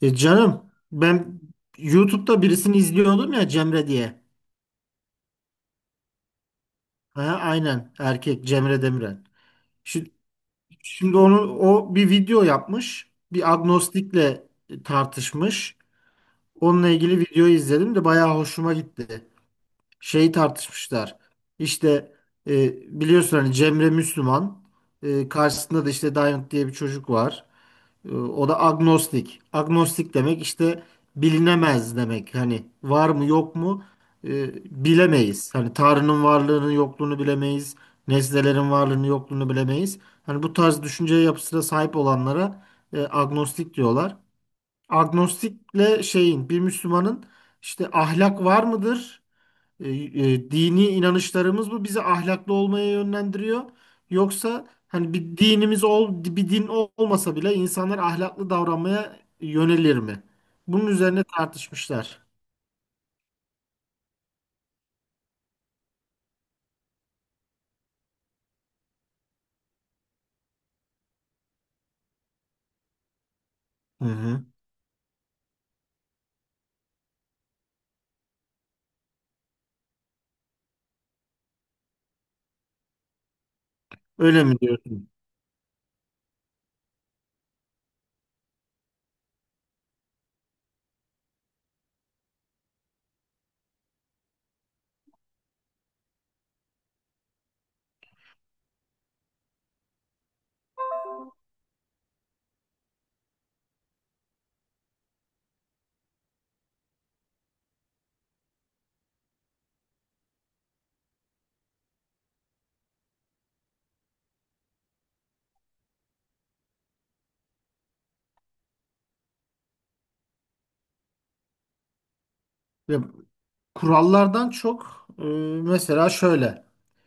E canım ben YouTube'da birisini izliyordum ya Cemre diye. Ha, aynen erkek Cemre Demiren. Şimdi, şimdi, onu o bir video yapmış. Bir agnostikle tartışmış. Onunla ilgili videoyu izledim de bayağı hoşuma gitti. Şeyi tartışmışlar. İşte biliyorsun hani Cemre Müslüman. Karşısında da işte Diamond diye bir çocuk var. O da agnostik. Agnostik demek işte bilinemez demek. Hani var mı yok mu, bilemeyiz. Hani Tanrı'nın varlığını yokluğunu bilemeyiz. Nesnelerin varlığını yokluğunu bilemeyiz. Hani bu tarz düşünce yapısına sahip olanlara agnostik diyorlar. Agnostikle şeyin bir Müslümanın işte ahlak var mıdır? E, Dini inanışlarımız bu bizi ahlaklı olmaya yönlendiriyor. Yoksa hani bir dinimiz ol, bir din olmasa bile insanlar ahlaklı davranmaya yönelir mi? Bunun üzerine tartışmışlar. Hı hı. Öyle mi diyorsun? Ya, kurallardan çok, mesela şöyle.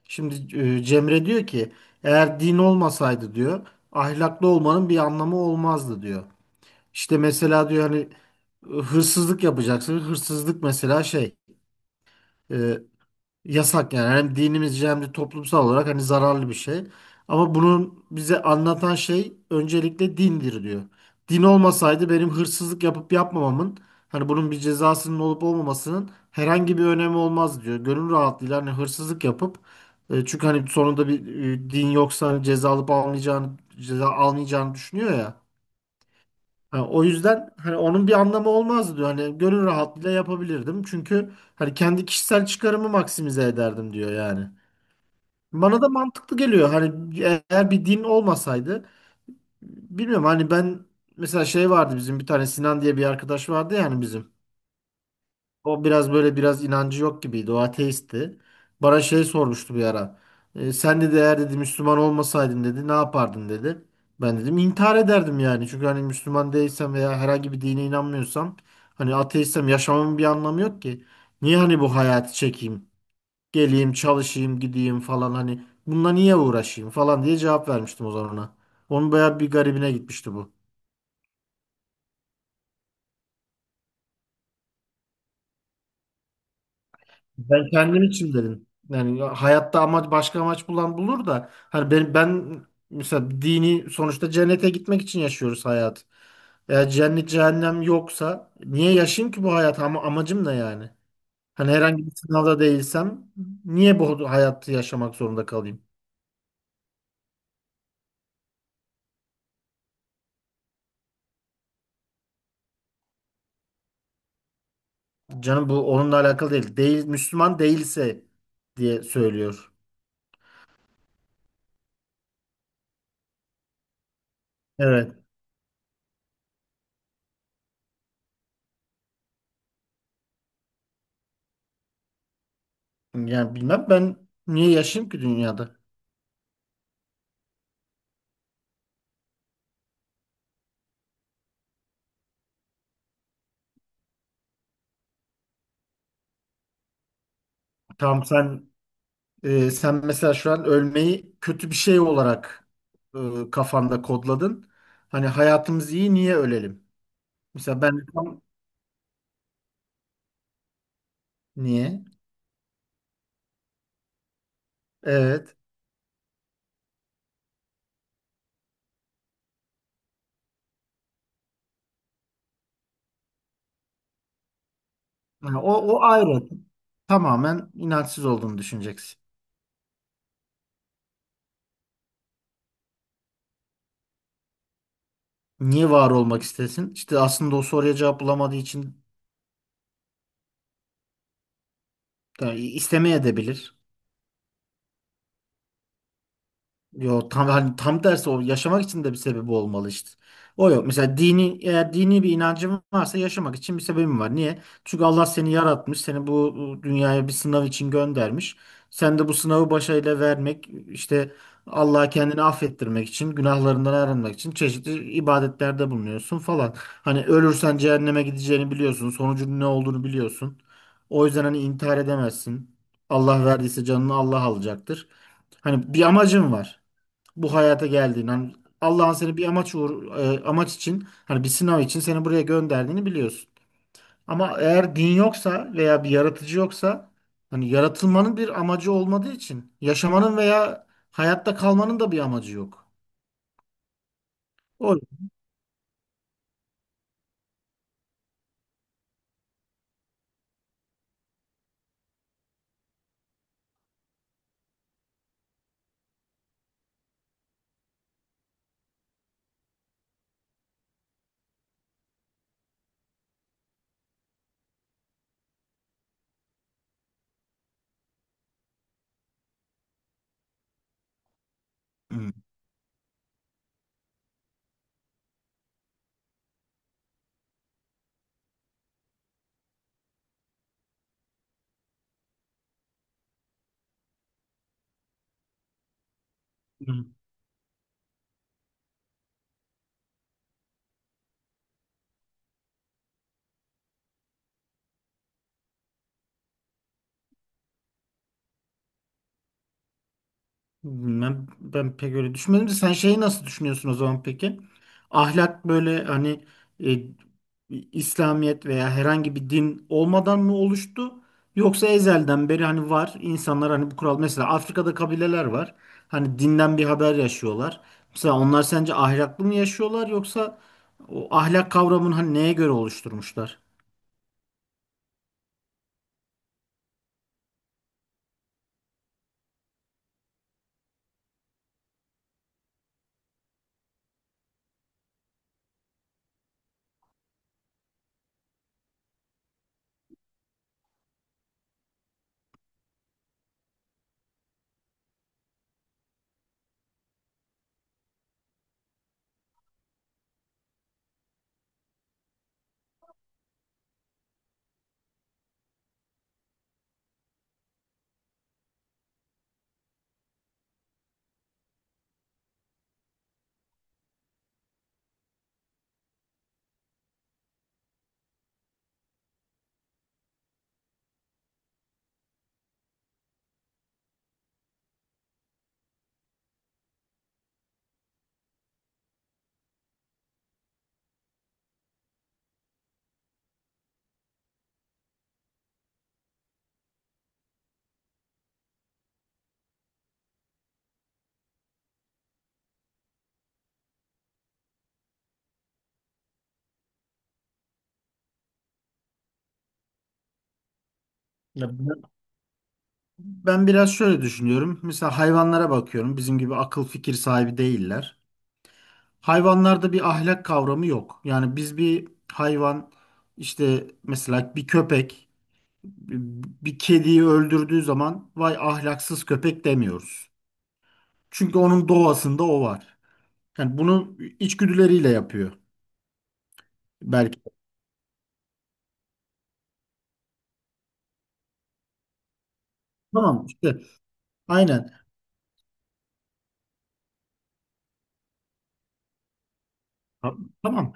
Şimdi, Cemre diyor ki eğer din olmasaydı diyor ahlaklı olmanın bir anlamı olmazdı diyor. İşte mesela diyor hani hırsızlık yapacaksın. Hırsızlık mesela şey. e, Yasak yani. Hem dinimizce hem de toplumsal olarak hani zararlı bir şey. Ama bunun bize anlatan şey öncelikle dindir diyor. Din olmasaydı benim hırsızlık yapıp yapmamamın hani bunun bir cezasının olup olmamasının herhangi bir önemi olmaz diyor. Gönül rahatlığıyla hani hırsızlık yapıp, çünkü hani sonunda bir, din yoksa hani ceza almayacağını düşünüyor ya. Ha, o yüzden hani onun bir anlamı olmazdı diyor. Hani gönül rahatlığıyla yapabilirdim. Çünkü hani kendi kişisel çıkarımı maksimize ederdim diyor yani. Bana da mantıklı geliyor. Hani eğer bir din olmasaydı bilmiyorum hani ben mesela şey vardı bizim bir tane Sinan diye bir arkadaş vardı yani bizim. O biraz böyle biraz inancı yok gibiydi. O ateistti. Bana şey sormuştu bir ara. Sen dedi eğer dedi Müslüman olmasaydın dedi ne yapardın dedi. Ben dedim intihar ederdim yani. Çünkü hani Müslüman değilsem veya herhangi bir dine inanmıyorsam hani ateistsem yaşamamın bir anlamı yok ki. Niye hani bu hayatı çekeyim? Geleyim, çalışayım, gideyim falan hani bununla niye uğraşayım falan diye cevap vermiştim o zaman ona. Onun bayağı bir garibine gitmişti bu. Ben kendim için dedim. Yani hayatta amaç başka amaç bulan bulur da hani ben mesela dini sonuçta cennete gitmek için yaşıyoruz hayat. Eğer cennet cehennem yoksa niye yaşayayım ki bu hayat? Ama amacım ne yani? Hani herhangi bir sınavda değilsem niye bu hayatı yaşamak zorunda kalayım? Canım bu onunla alakalı değil. Değil Müslüman değilse diye söylüyor. Evet. Yani bilmem ben niye yaşayayım ki dünyada? Tamam sen Sen mesela şu an ölmeyi kötü bir şey olarak kafanda kodladın. Hani hayatımız iyi niye ölelim? Mesela ben tam niye? Evet. Yani o ayrı. Tamamen inançsız olduğunu düşüneceksin. Niye var olmak istesin? İşte aslında o soruya cevap bulamadığı için yani istemeye de bilir. Yo tam hani tam tersi o yaşamak için de bir sebebi olmalı işte. O yok. Mesela dini eğer dini bir inancın varsa yaşamak için bir sebebin var. Niye? Çünkü Allah seni yaratmış, seni bu dünyaya bir sınav için göndermiş. Sen de bu sınavı başarıyla vermek, işte Allah'a kendini affettirmek için, günahlarından arınmak için çeşitli ibadetlerde bulunuyorsun falan. Hani ölürsen cehenneme gideceğini biliyorsun, sonucun ne olduğunu biliyorsun. O yüzden hani intihar edemezsin. Allah verdiyse canını Allah alacaktır. Hani bir amacın var bu hayata geldiğini hani Allah'ın seni bir amaç için hani bir sınav için seni buraya gönderdiğini biliyorsun. Ama eğer din yoksa veya bir yaratıcı yoksa hani yaratılmanın bir amacı olmadığı için yaşamanın veya hayatta kalmanın da bir amacı yok. O Hı. Ben pek öyle düşünmedim de sen şeyi nasıl düşünüyorsun o zaman peki? Ahlak böyle hani e, İslamiyet veya herhangi bir din olmadan mı oluştu? Yoksa ezelden beri hani var insanlar hani bu kural mesela Afrika'da kabileler var. Hani dinden bir haber yaşıyorlar. Mesela onlar sence ahlaklı mı yaşıyorlar yoksa o ahlak kavramını hani neye göre oluşturmuşlar? Ya ben ben biraz şöyle düşünüyorum. Mesela hayvanlara bakıyorum. Bizim gibi akıl fikir sahibi değiller. Hayvanlarda bir ahlak kavramı yok. Yani biz bir hayvan işte mesela bir köpek bir kediyi öldürdüğü zaman vay ahlaksız köpek demiyoruz. Çünkü onun doğasında o var. Yani bunu içgüdüleriyle yapıyor belki. Tamam işte aynen. Ta- Tamam.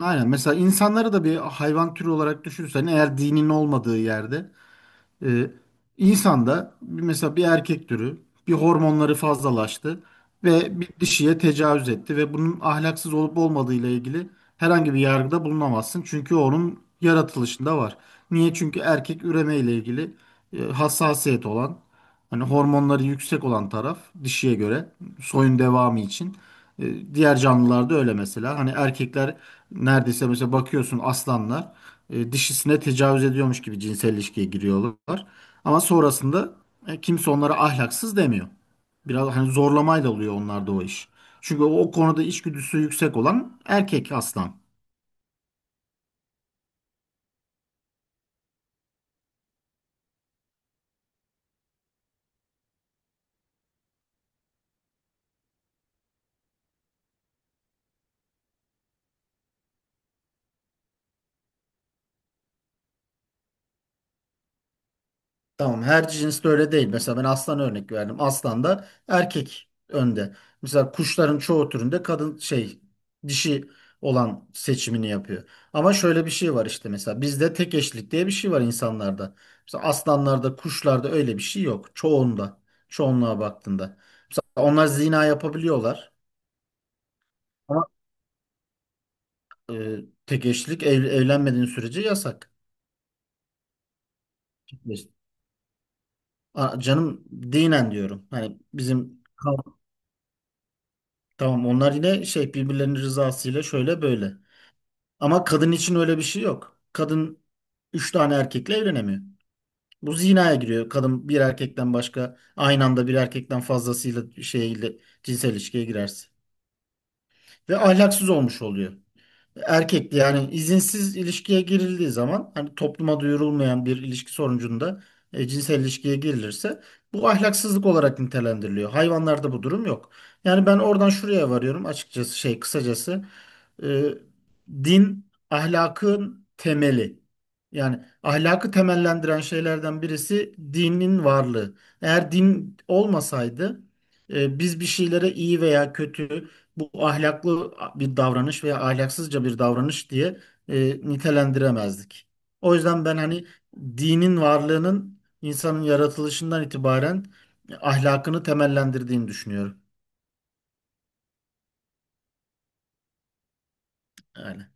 Aynen. Mesela insanları da bir hayvan türü olarak düşünürsen eğer dinin olmadığı yerde Ee, insanda mesela bir erkek türü bir hormonları fazlalaştı ve bir dişiye tecavüz etti ve bunun ahlaksız olup olmadığı ile ilgili herhangi bir yargıda bulunamazsın. Çünkü onun yaratılışında var. Niye? Çünkü erkek üreme ile ilgili hassasiyet olan hani hormonları yüksek olan taraf dişiye göre soyun devamı için. Diğer canlılarda öyle mesela. Hani erkekler neredeyse mesela bakıyorsun aslanlar, dişisine tecavüz ediyormuş gibi cinsel ilişkiye giriyorlar. Ama sonrasında kimse onlara ahlaksız demiyor. Biraz hani zorlamayla oluyor onlarda o iş. Çünkü o konuda içgüdüsü yüksek olan erkek aslan. Tamam her cinste öyle değil. Mesela ben aslan örnek verdim. Aslan da erkek önde. Mesela kuşların çoğu türünde kadın şey dişi olan seçimini yapıyor. Ama şöyle bir şey var işte mesela bizde tek eşlik diye bir şey var insanlarda. Mesela aslanlarda, kuşlarda öyle bir şey yok. Çoğunda, çoğunluğa baktığında. Mesela onlar zina yapabiliyorlar ama e, tek eşlik evlenmediğin sürece yasak. Aa, canım dinen diyorum. Hani bizim Tamam onlar yine şey birbirlerinin rızasıyla şöyle böyle. Ama kadın için öyle bir şey yok. Kadın üç tane erkekle evlenemiyor. Bu zinaya giriyor. Kadın bir erkekten başka aynı anda bir erkekten fazlasıyla şeyle cinsel ilişkiye girerse. Ve ahlaksız olmuş oluyor. Erkekli yani izinsiz ilişkiye girildiği zaman hani topluma duyurulmayan bir ilişki sonucunda cinsel ilişkiye girilirse bu ahlaksızlık olarak nitelendiriliyor. Hayvanlarda bu durum yok. Yani ben oradan şuraya varıyorum açıkçası şey kısacası e, din ahlakın temeli. Yani ahlakı temellendiren şeylerden birisi dinin varlığı. Eğer din olmasaydı biz bir şeylere iyi veya kötü bu ahlaklı bir davranış veya ahlaksızca bir davranış diye nitelendiremezdik. O yüzden ben hani dinin varlığının insanın yaratılışından itibaren ahlakını temellendirdiğini düşünüyorum. Yani.